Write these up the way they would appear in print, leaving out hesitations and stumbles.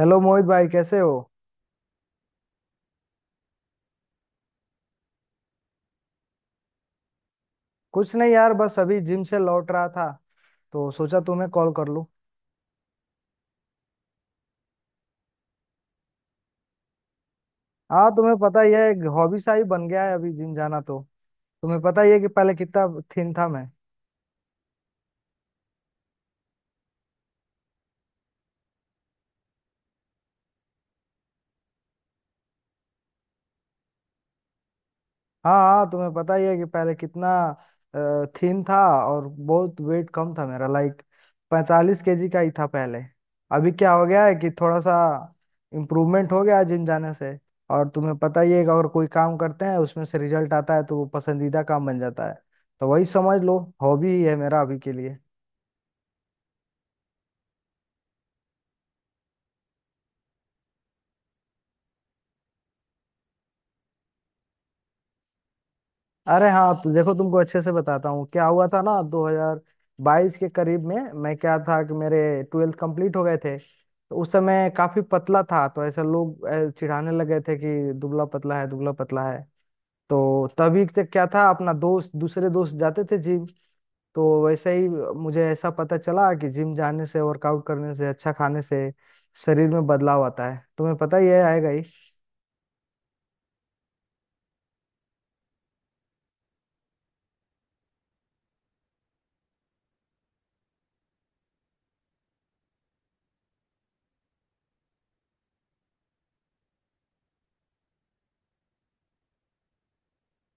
Hello Mohit भाई, कैसे हो? कुछ नहीं यार, बस अभी जिम से लौट रहा था तो सोचा तुम्हें कॉल कर लूं। हाँ, तुम्हें पता ही है, एक हॉबी सा ही बन गया है अभी जिम जाना तो। तुम्हें पता ही है कि पहले कितना थिन था मैं। हाँ हाँ, तुम्हें पता ही है कि पहले कितना थिन था और बहुत वेट कम था मेरा, लाइक 45 केजी का ही था पहले। अभी क्या हो गया है कि थोड़ा सा इम्प्रूवमेंट हो गया जिम जाने से। और तुम्हें पता ही है कि अगर कोई काम करते हैं उसमें से रिजल्ट आता है तो वो पसंदीदा काम बन जाता है। तो वही समझ लो, हॉबी ही है मेरा अभी के लिए। अरे हाँ, तो देखो तुमको अच्छे से बताता हूँ क्या हुआ था ना, 2022 के करीब में मैं क्या था कि मेरे ट्वेल्थ कंप्लीट हो गए थे, तो उस समय काफी पतला था तो ऐसा लोग चिढ़ाने लगे थे कि दुबला पतला है, दुबला पतला है। तो तभी तक क्या था, अपना दोस्त दूसरे दोस्त जाते थे जिम, तो वैसे ही मुझे ऐसा पता चला कि जिम जाने से, वर्कआउट करने से, अच्छा खाने से शरीर में बदलाव आता है। तुम्हें पता ही है, आएगा।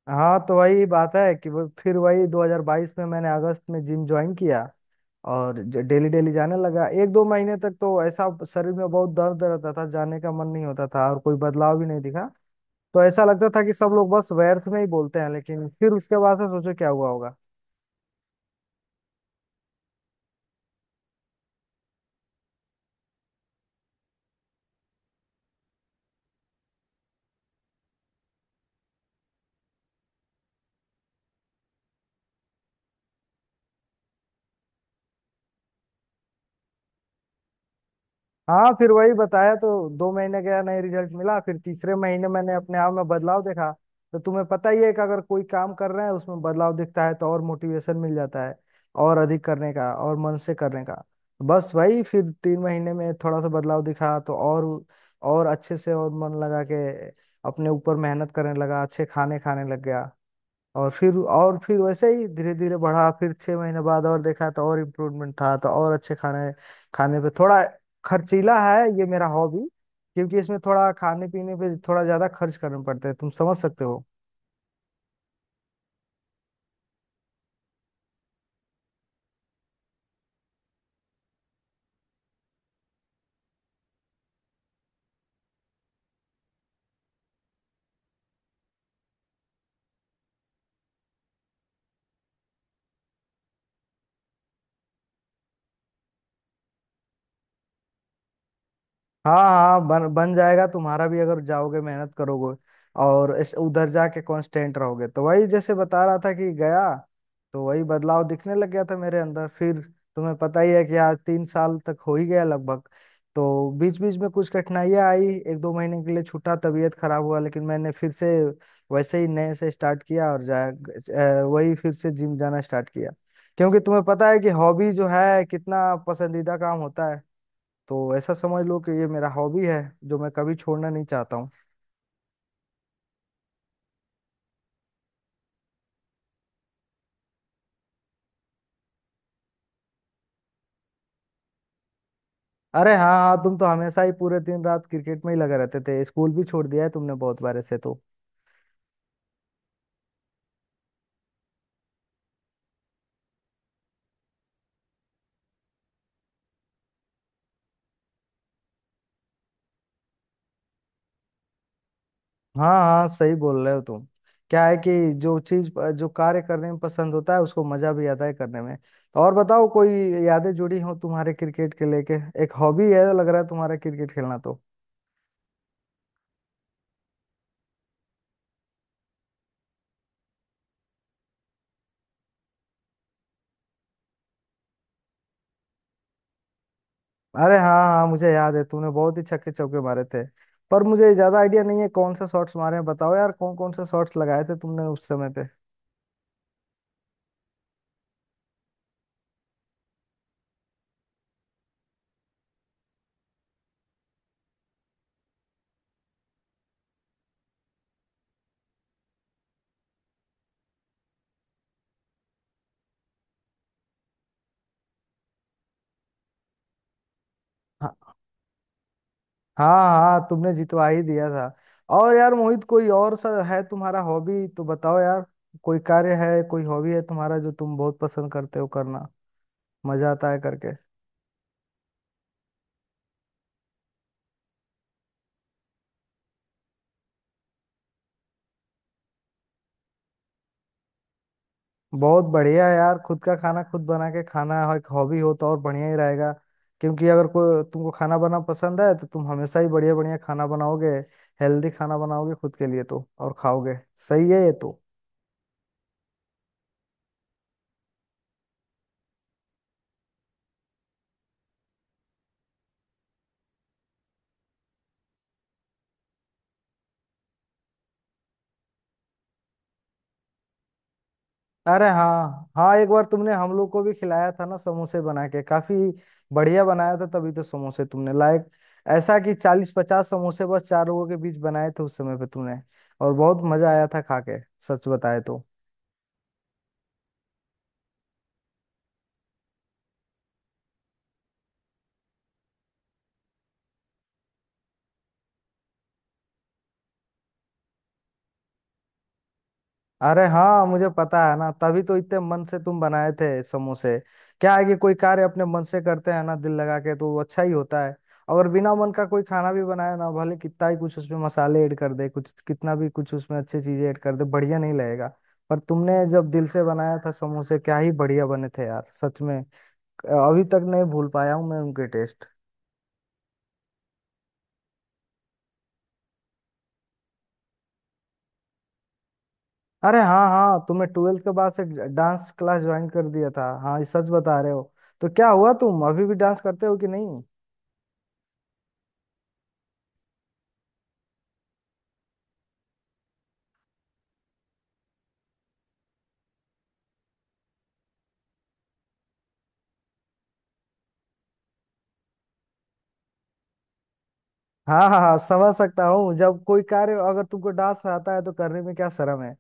हाँ, तो वही बात है कि वो फिर वही 2022 में मैंने अगस्त में जिम ज्वाइन किया और डेली डेली जाने लगा। एक दो महीने तक तो ऐसा शरीर में बहुत दर्द रहता था, जाने का मन नहीं होता था और कोई बदलाव भी नहीं दिखा। तो ऐसा लगता था कि सब लोग बस व्यर्थ में ही बोलते हैं, लेकिन फिर उसके बाद से सोचो क्या हुआ होगा। हाँ, फिर वही बताया तो 2 महीने गया, नहीं रिजल्ट मिला, फिर तीसरे महीने मैंने अपने आप में बदलाव देखा। तो तुम्हें पता ही है कि अगर कोई काम कर रहे हैं उसमें बदलाव दिखता है तो और मोटिवेशन मिल जाता है और अधिक करने का, और मन से करने का। बस वही, फिर 3 महीने में थोड़ा सा बदलाव दिखा तो और अच्छे से और मन लगा के अपने ऊपर मेहनत करने लगा, अच्छे खाने खाने लग गया। और फिर वैसे ही धीरे धीरे बढ़ा, फिर 6 महीने बाद और देखा तो और इम्प्रूवमेंट था, तो और अच्छे खाने, खाने पे थोड़ा खर्चीला है ये मेरा हॉबी, क्योंकि इसमें थोड़ा खाने पीने पे थोड़ा ज्यादा खर्च करना पड़ता है, तुम समझ सकते हो। हाँ हाँ, बन बन जाएगा तुम्हारा भी, अगर जाओगे, मेहनत करोगे और इस उधर जाके कांस्टेंट रहोगे। तो वही, जैसे बता रहा था, कि गया तो वही बदलाव दिखने लग गया था मेरे अंदर फिर। तुम्हें पता ही है कि आज 3 साल तक हो ही गया लगभग। तो बीच बीच में कुछ कठिनाइयाँ आई, एक दो महीने के लिए छूटा, तबीयत खराब हुआ, लेकिन मैंने फिर से वैसे ही नए से स्टार्ट किया और वही फिर से जिम जाना स्टार्ट किया, क्योंकि तुम्हें पता है कि हॉबी जो है कितना पसंदीदा काम होता है। तो ऐसा समझ लो कि ये मेरा हॉबी है जो मैं कभी छोड़ना नहीं चाहता हूँ। अरे हाँ हाँ, तुम तो हमेशा ही पूरे दिन रात क्रिकेट में ही लगे रहते थे, स्कूल भी छोड़ दिया है तुमने बहुत बार ऐसे तो। हाँ हाँ, सही बोल रहे हो तुम। क्या है कि जो चीज जो कार्य करने में पसंद होता है उसको मजा भी आता है करने में। तो और बताओ, कोई यादें जुड़ी हो तुम्हारे क्रिकेट के लेके? एक हॉबी है, लग रहा है, तुम्हारा क्रिकेट खेलना तो। अरे हाँ हाँ हाँ, मुझे याद है तुमने बहुत ही छक्के चौके मारे थे। पर मुझे ज्यादा आइडिया नहीं है कौन सा शॉट्स मारे हैं। बताओ यार, कौन कौन सा शॉट्स लगाए थे तुमने उस समय पे? हाँ हाँ हाँ, तुमने जितवा ही दिया था। और यार मोहित, कोई और सा है तुम्हारा हॉबी तो बताओ यार। कोई कार्य है, कोई हॉबी है तुम्हारा, जो तुम बहुत पसंद करते हो करना, मजा आता है करके? बहुत बढ़िया है यार, खुद का खाना खुद बना के खाना एक हॉबी हो तो और बढ़िया ही रहेगा, क्योंकि अगर कोई तुमको खाना बनाना पसंद है तो तुम हमेशा ही बढ़िया बढ़िया खाना बनाओगे, हेल्दी खाना बनाओगे खुद के लिए तो और खाओगे। सही है ये तो। अरे हाँ हाँ, एक बार तुमने हम लोग को भी खिलाया था ना समोसे बना के, काफी बढ़िया बनाया था, तभी तो समोसे तुमने लाइक ऐसा कि 40-50 समोसे बस 4 लोगों के बीच बनाए थे उस समय पे तुमने, और बहुत मजा आया था खा के, सच बताए तो। अरे हाँ, मुझे पता है ना, तभी तो इतने मन से तुम बनाए थे समोसे। क्या है कि कोई कार्य अपने मन से करते हैं ना, दिल लगा के, तो वो अच्छा ही होता है। अगर बिना मन का कोई खाना भी बनाए ना, भले कितना ही कुछ उसमें मसाले ऐड कर दे, कुछ कितना भी कुछ उसमें अच्छी चीजें ऐड कर दे, बढ़िया नहीं लगेगा। पर तुमने जब दिल से बनाया था समोसे, क्या ही बढ़िया बने थे यार, सच में। अभी तक नहीं भूल पाया हूँ मैं उनके टेस्ट। अरे हाँ हाँ, तुमने ट्वेल्थ के बाद से डांस क्लास ज्वाइन कर दिया था। हाँ, ये सच बता रहे हो। तो क्या हुआ, तुम अभी भी डांस करते हो कि नहीं? हाँ हाँ हाँ, समझ सकता हूँ। जब कोई कार्य, अगर तुमको डांस आता है तो करने में क्या शर्म है?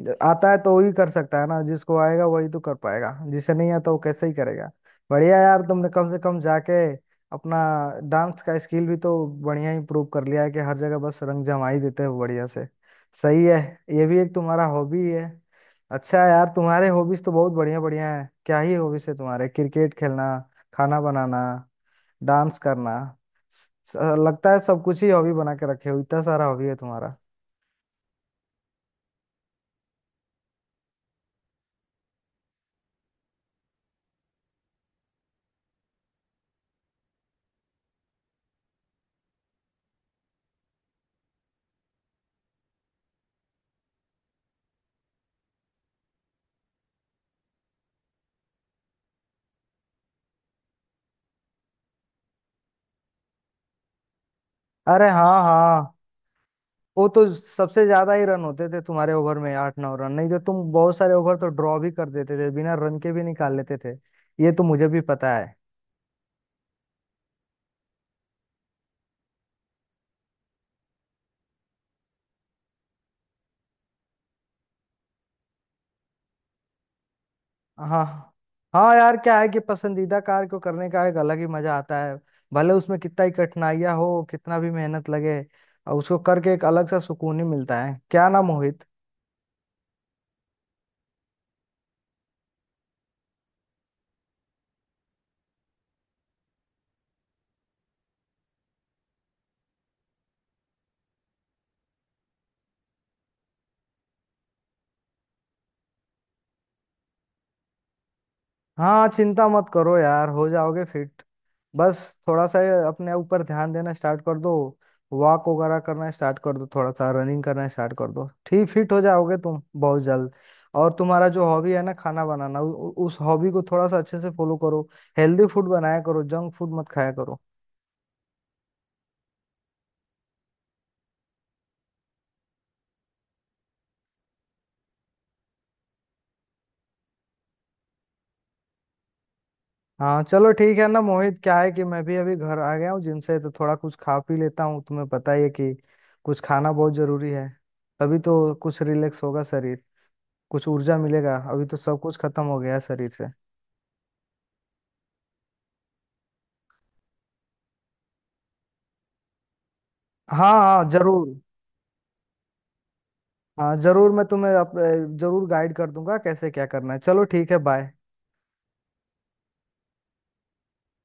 आता है तो वही कर सकता है ना, जिसको आएगा वही तो कर पाएगा, जिसे नहीं आता वो कैसे ही करेगा। बढ़िया यार, तुमने कम से कम जाके अपना डांस का स्किल भी तो बढ़िया इम्प्रूव कर लिया है कि हर जगह बस रंग जमा ही देते हो बढ़िया से। सही है, ये भी एक तुम्हारा हॉबी है। अच्छा है यार, तुम्हारे हॉबीज तो बहुत बढ़िया बढ़िया है। क्या ही हॉबीज है तुम्हारे, क्रिकेट खेलना, खाना बनाना, डांस करना, स- लगता है सब कुछ ही हॉबी बना के रखे हो, इतना सारा हॉबी है तुम्हारा। अरे हाँ हाँ, वो तो सबसे ज्यादा ही रन होते थे तुम्हारे ओवर में 8-9 रन, नहीं तो तुम बहुत सारे ओवर तो ड्रॉ भी कर देते थे, बिना रन के भी निकाल लेते थे। ये तो मुझे भी पता है। हाँ हाँ यार, क्या है कि पसंदीदा कार्य को करने का एक अलग ही मजा आता है, भले उसमें कितना ही कठिनाइयाँ हो, कितना भी मेहनत लगे, और उसको करके एक अलग सा सुकून ही मिलता है, क्या ना मोहित? हाँ, चिंता मत करो यार, हो जाओगे फिट। बस थोड़ा सा अपने ऊपर ध्यान देना स्टार्ट कर दो, वॉक वगैरह करना स्टार्ट कर दो, थोड़ा सा रनिंग करना स्टार्ट कर दो, ठीक फिट हो जाओगे तुम बहुत जल्द। और तुम्हारा जो हॉबी है ना, खाना बनाना, उ, उ- उस हॉबी को थोड़ा सा अच्छे से फॉलो करो, हेल्दी फूड बनाया करो, जंक फूड मत खाया करो। हाँ चलो, ठीक है ना मोहित। क्या है कि मैं भी अभी घर आ गया हूँ जिम से, तो थोड़ा कुछ खा पी लेता हूँ। तुम्हें पता ही है कि कुछ खाना बहुत जरूरी है, तभी तो कुछ रिलैक्स होगा शरीर, कुछ ऊर्जा मिलेगा, अभी तो सब कुछ खत्म हो गया है शरीर से। हाँ हाँ जरूर। हाँ जरूर, मैं तुम्हें जरूर गाइड कर दूंगा कैसे क्या करना है। चलो ठीक है, बाय।